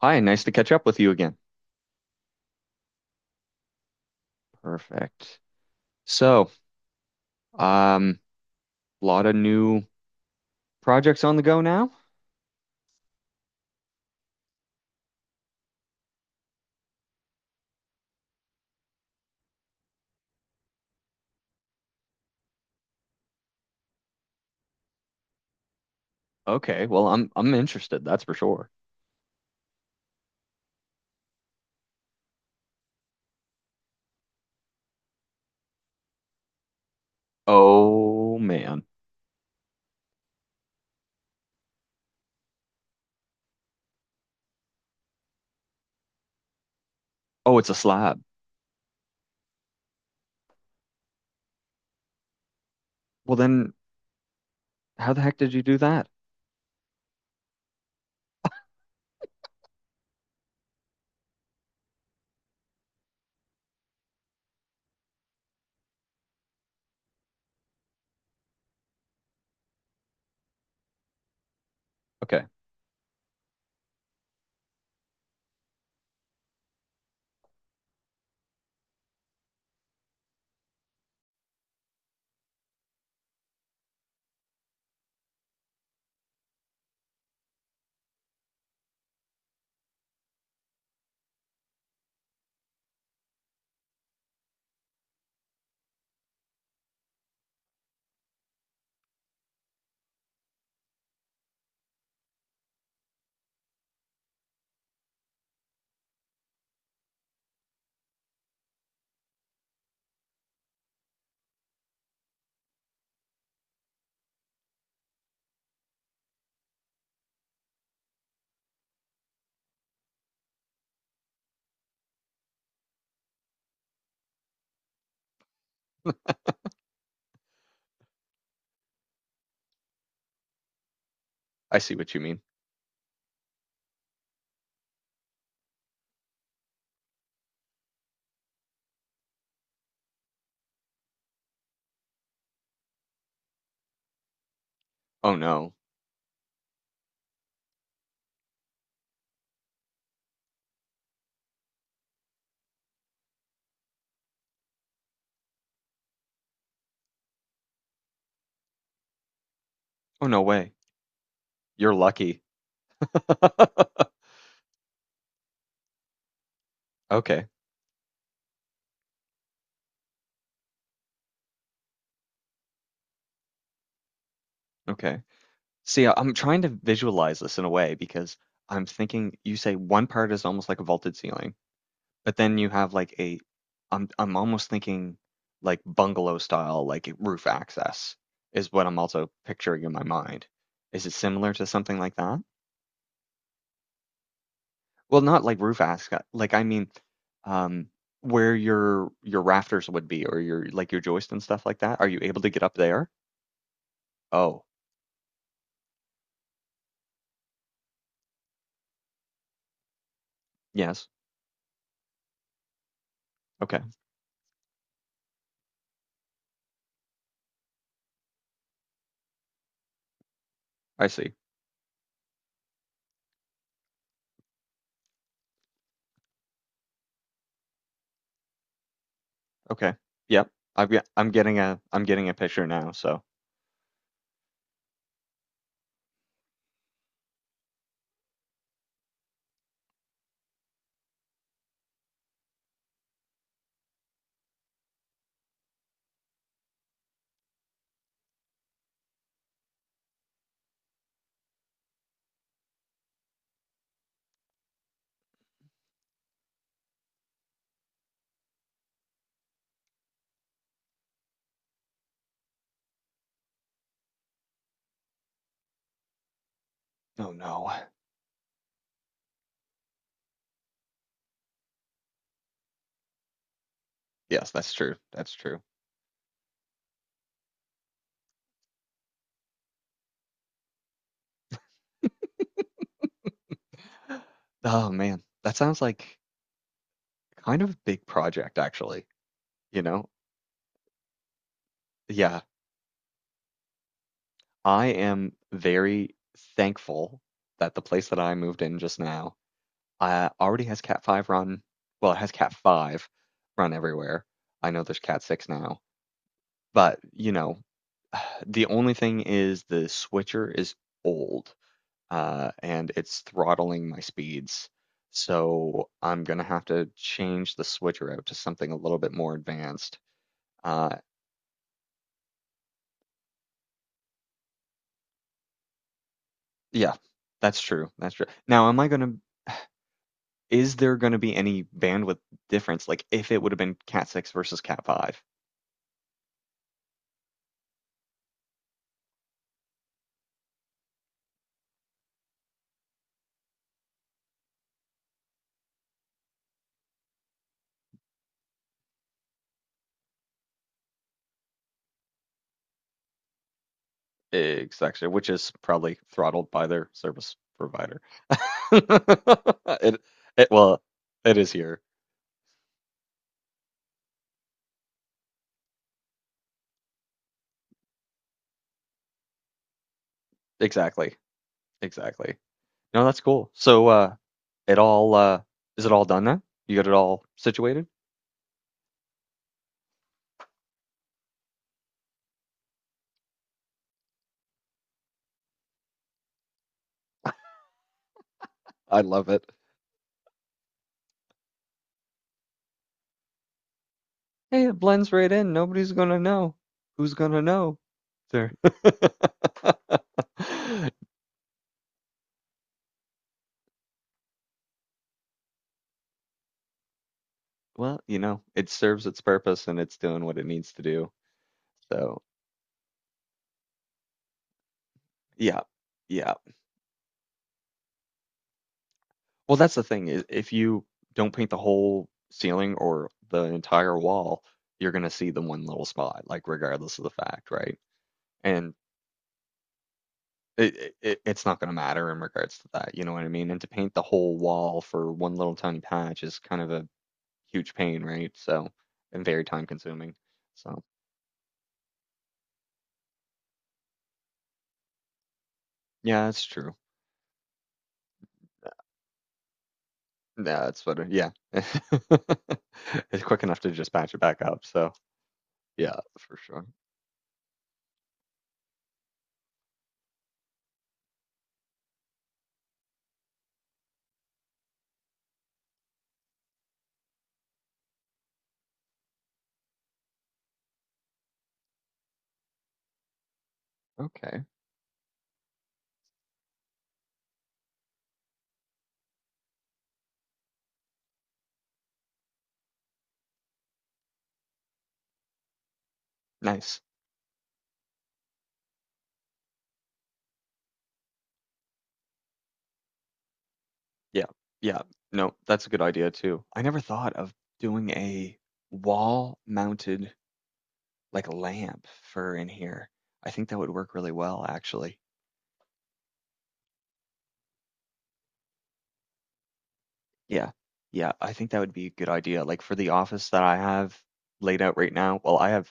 Hi, nice to catch up with you again. Perfect. So, um, Lot of new projects on the go now? Okay, well, I'm interested, that's for sure. Oh man. Oh, it's a slab. Well then, how the heck did you do that? Okay, I see what you mean. Oh no. Oh no way. You're lucky. Okay, okay. See, I'm trying to visualize this in a way because I'm thinking you say one part is almost like a vaulted ceiling. But then you have I'm almost thinking like bungalow style, like roof access is what I'm also picturing in my mind. Is it similar to something like that? Well, not like roof access, I mean, um, where your rafters would be or your like your joist and stuff like that. Are you able to get up there? Oh, yes. Okay, I see. Okay, yep. I'm getting a picture now. So, oh no. Yes, that's true. That's true. Oh man, that sounds like kind of a big project, actually, you know? Yeah, I am very thankful that the place that I moved in just now already has Cat 5 run. Well, it has Cat 5 run everywhere. I know there's Cat 6 now, but you know, the only thing is the switcher is old, and it's throttling my speeds. So I'm gonna have to change the switcher out to something a little bit more advanced. Uh, Yeah, that's true, that's true. Now, am I gonna, is there gonna be any bandwidth difference, like, if it would've been Cat 6 versus Cat 5? Exactly, which is probably throttled by their service provider. It it Well, it is here. Exactly, exactly. No, that's cool. So, it all, is it all done now? You got it all situated? I love it. Hey, it blends right in. Nobody's gonna know. Who's gonna know? There. Well, you know, it serves its purpose and it's doing what it needs to do. So, yeah. Yeah. Well, that's the thing is if you don't paint the whole ceiling or the entire wall, you're going to see the one little spot, like regardless of the fact, right? And it's not going to matter in regards to that, you know what I mean? And to paint the whole wall for one little tiny patch is kind of a huge pain, right? So, and very time consuming. So, yeah, that's true. No, that's better. Yeah. It's quick enough to just patch it back up. So, yeah, for sure. Okay. Nice. Yeah. Yeah. No, that's a good idea too. I never thought of doing a wall mounted like lamp for in here. I think that would work really well actually. Yeah. Yeah, I think that would be a good idea. Like for the office that I have laid out right now,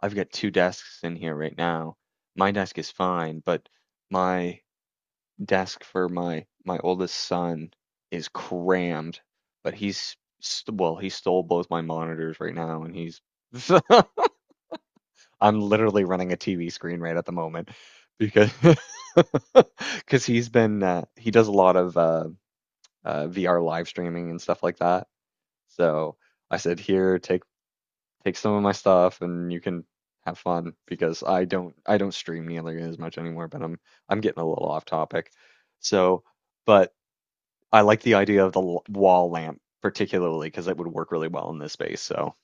I've got two desks in here right now. My desk is fine, but my desk for my oldest son is crammed, but well, he stole both my monitors right now, and he's I'm literally running a TV screen right at the moment because because he's been he does a lot of VR live streaming and stuff like that. So I said, here, take some of my stuff, and you can have fun because I don't stream nearly as much anymore, but I'm getting a little off topic. So, but I like the idea of the wall lamp particularly because it would work really well in this space. So,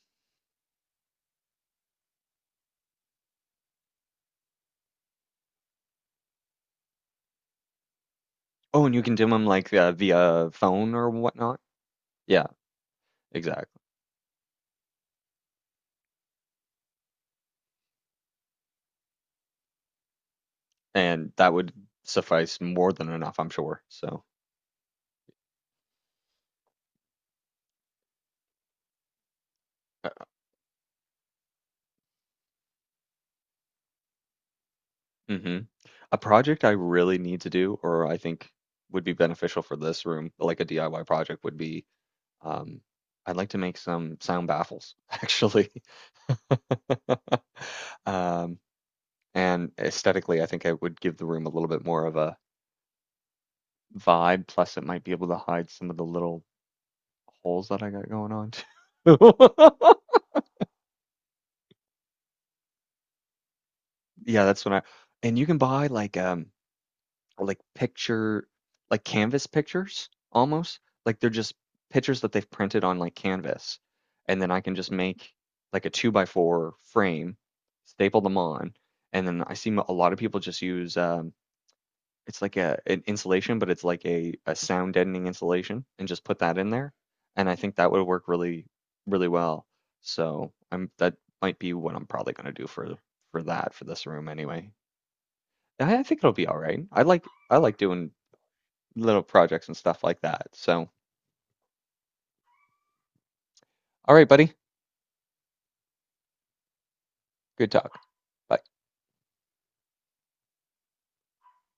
oh, and you can dim them like via phone or whatnot. Yeah, exactly. And that would suffice more than enough, I'm sure. So, hmm a project I really need to do, or I think would be beneficial for this room, like a DIY project, would be um, I'd like to make some sound baffles, actually. um, and aesthetically, I think I would give the room a little bit more of a vibe. Plus, it might be able to hide some of the little holes that I got going on too. Yeah, that's when I. And you can buy like picture like canvas pictures almost like they're just pictures that they've printed on like canvas, and then I can just make like a two by four frame, staple them on, and then I see a lot of people just use it's like a an insulation, but it's like a sound deadening insulation, and just put that in there, and I think that would work really, really well. So I'm that might be what I'm probably gonna do for that for this room anyway. And I think it'll be all right. I like doing little projects and stuff like that. So all right, buddy. Good talk. Bye.